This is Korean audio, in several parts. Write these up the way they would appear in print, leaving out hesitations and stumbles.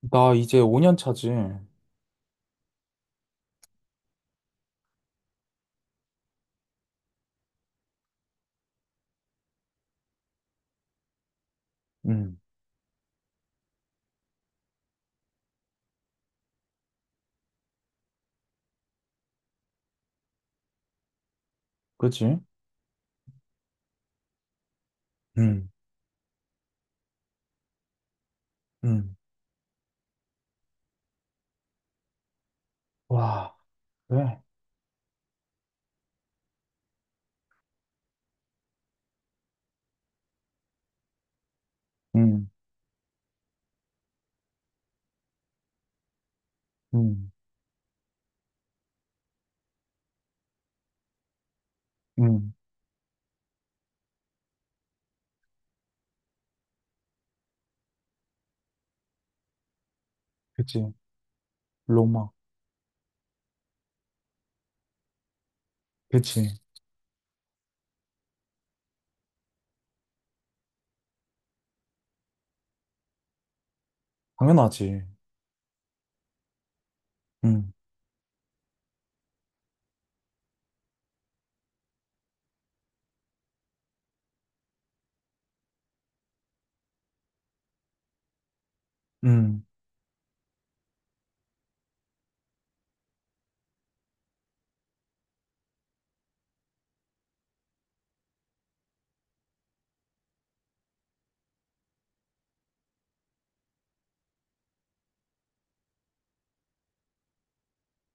나 이제 5년 차지. 음, 그치? 음, 음, 와, 그래. 음, 음, 음. 그치. 로마. 그치. 당연하지. 음, 음,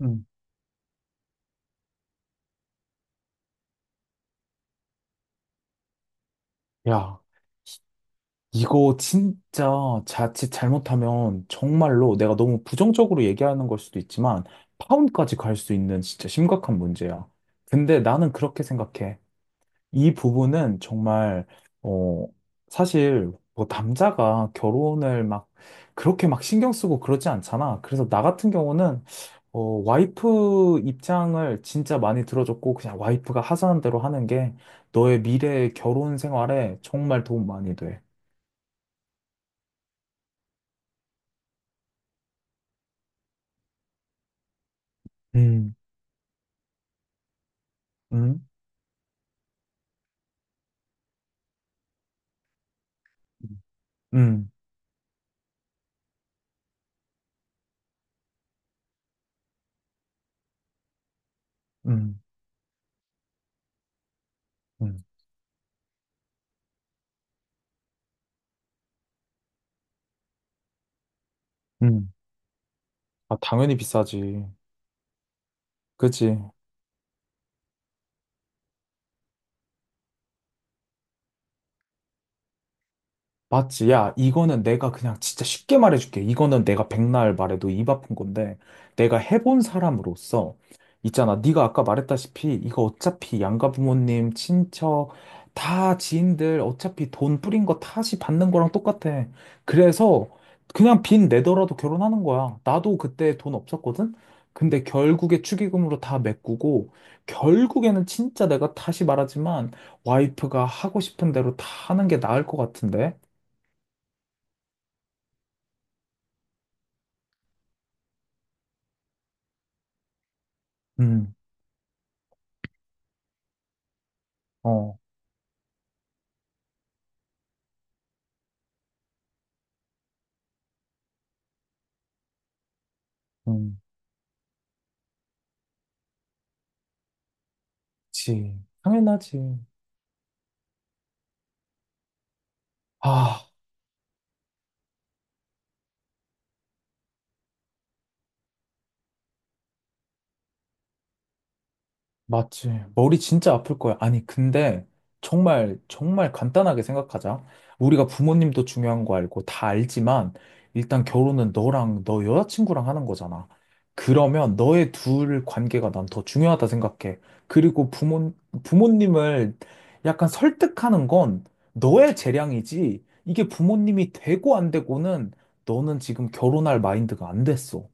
음. 야, 이거 진짜 자칫 잘못하면 정말로 내가 너무 부정적으로 얘기하는 걸 수도 있지만 파혼까지 갈 수 있는 진짜 심각한 문제야. 근데 나는 그렇게 생각해. 이 부분은 정말, 어, 사실, 뭐, 남자가 결혼을 막, 그렇게 막 신경 쓰고 그러지 않잖아. 그래서 나 같은 경우는, 어, 와이프 입장을 진짜 많이 들어줬고, 그냥 와이프가 하자는 대로 하는 게, 너의 미래 결혼 생활에 정말 도움 많이 돼. 음. 응? 응, 응, 응, 응. 아, 당연히 비싸지. 그치? 맞지? 야, 이거는 내가 그냥 진짜 쉽게 말해줄게. 이거는 내가 백날 말해도 입 아픈 건데, 내가 해본 사람으로서, 있잖아. 네가 아까 말했다시피, 이거 어차피 양가 부모님, 친척, 다 지인들, 어차피 돈 뿌린 거 다시 받는 거랑 똑같아. 그래서 그냥 빚 내더라도 결혼하는 거야. 나도 그때 돈 없었거든? 근데 결국에 축의금으로 다 메꾸고, 결국에는 진짜 내가 다시 말하지만, 와이프가 하고 싶은 대로 다 하는 게 나을 것 같은데? 음, 어, 음, 그치. 당연하지. 아, 맞지. 머리 진짜 아플 거야. 아니, 근데 정말, 정말 간단하게 생각하자. 우리가 부모님도 중요한 거 알고 다 알지만, 일단 결혼은 너랑 너 여자친구랑 하는 거잖아. 그러면 너의 둘 관계가 난 더 중요하다 생각해. 그리고 부모, 부모님을 약간 설득하는 건 너의 재량이지. 이게 부모님이 되고 안 되고는 너는 지금 결혼할 마인드가 안 됐어.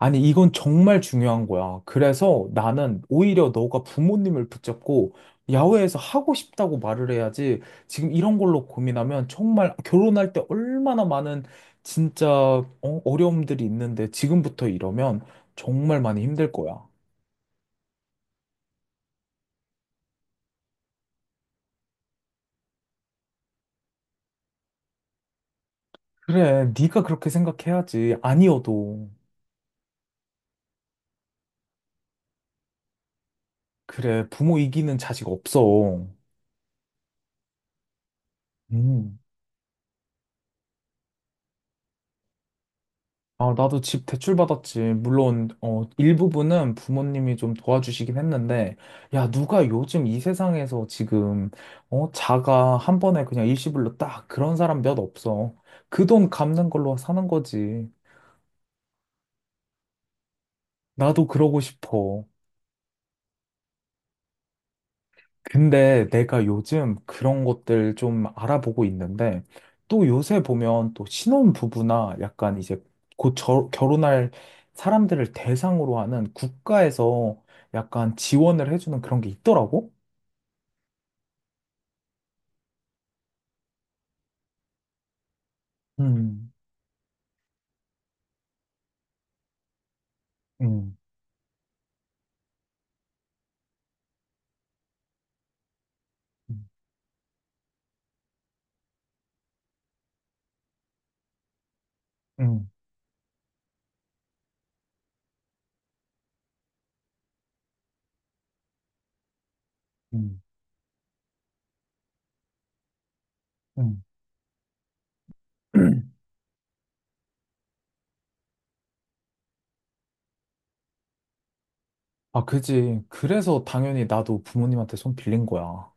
아니, 이건 정말 중요한 거야. 그래서 나는 오히려 너가 부모님을 붙잡고 야외에서 하고 싶다고 말을 해야지 지금 이런 걸로 고민하면 정말 결혼할 때 얼마나 많은 진짜 어? 어려움들이 있는데 지금부터 이러면 정말 많이 힘들 거야. 그래, 네가 그렇게 생각해야지. 아니어도. 그래, 부모 이기는 자식 없어. 음. 아, 나도 집 대출받았지. 물론, 일부분은 부모님이 좀 도와주시긴 했는데, 야, 누가 요즘 이 세상에서 지금, 자가 한 번에 그냥 일시불로 딱 그런 사람 몇 없어. 그 돈 갚는 걸로 사는 거지. 나도 그러고 싶어. 근데 내가 요즘 그런 것들 좀 알아보고 있는데 또 요새 보면 또 신혼 부부나 약간 이제 곧 결혼할 사람들을 대상으로 하는 국가에서 약간 지원을 해주는 그런 게 있더라고. 음, 음, 음, 음, 음, 음, 아, 그지. 그래서 당연히 나도 부모님한테 손 빌린 거야.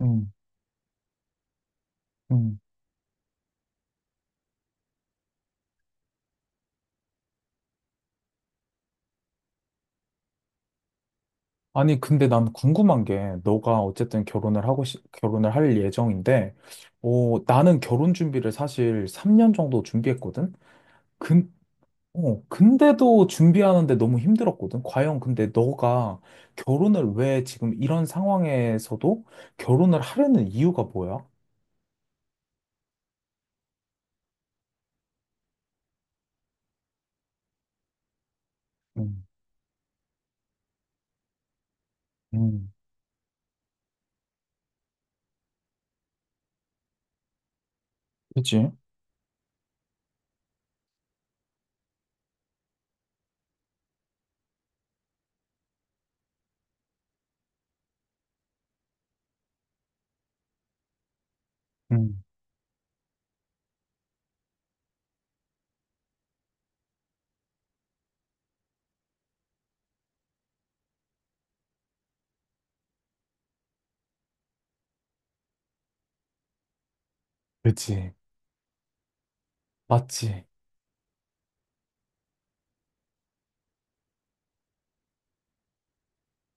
음. 음. 아니, 근데 난 궁금한 게, 너가 어쨌든 결혼을 하고, 시, 결혼을 할 예정인데, 나는 결혼 준비를 사실 3년 정도 준비했거든? 근, 근데도 준비하는데 너무 힘들었거든? 과연 근데 너가 결혼을 왜 지금 이런 상황에서도 결혼을 하려는 이유가 뭐야? 음, 음, 그치? 음, 그치. 맞지.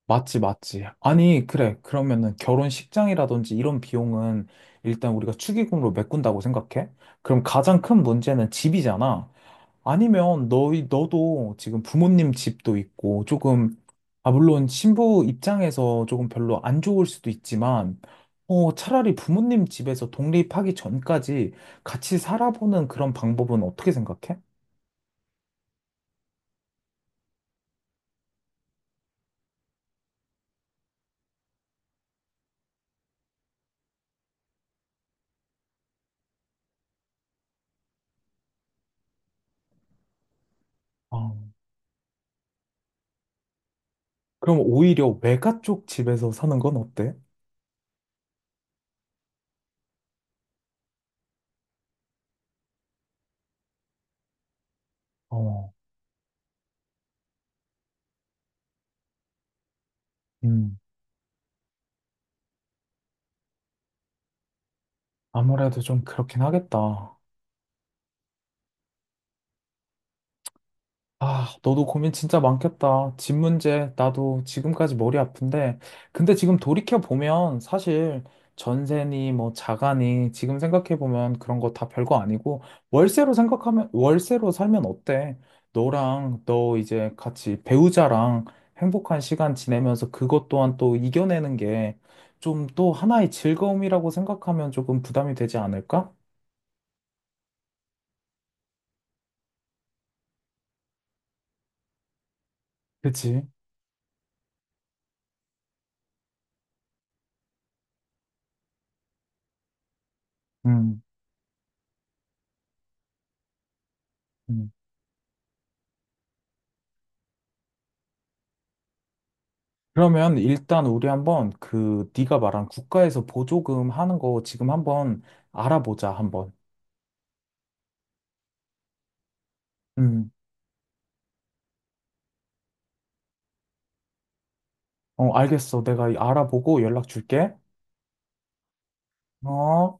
맞지, 맞지. 아니, 그래. 그러면은 결혼식장이라든지 이런 비용은 일단 우리가 축의금으로 메꾼다고 생각해? 그럼 가장 큰 문제는 집이잖아. 아니면 너도 지금 부모님 집도 있고 조금, 아, 물론 신부 입장에서 조금 별로 안 좋을 수도 있지만, 차라리 부모님 집에서 독립하기 전까지 같이 살아보는 그런 방법은 어떻게 생각해? 어, 그럼 오히려 외가 쪽 집에서 사는 건 어때? 어. 음. 아무래도 좀 그렇긴 하겠다. 아, 너도 고민 진짜 많겠다. 집 문제, 나도 지금까지 머리 아픈데. 근데 지금 돌이켜보면 사실 전세니 뭐 자가니 지금 생각해보면 그런 거 다 별거 아니고 월세로 생각하면, 월세로 살면 어때? 너랑 너 이제 같이 배우자랑 행복한 시간 지내면서 그것 또한 또 이겨내는 게 좀 또 하나의 즐거움이라고 생각하면 조금 부담이 되지 않을까? 그치? 음. 음. 그러면 일단 우리 한번 그 네가 말한 국가에서 보조금 하는 거 지금 한번 알아보자, 한번. 음, 어, 알겠어. 내가 알아보고 연락 줄게. 어.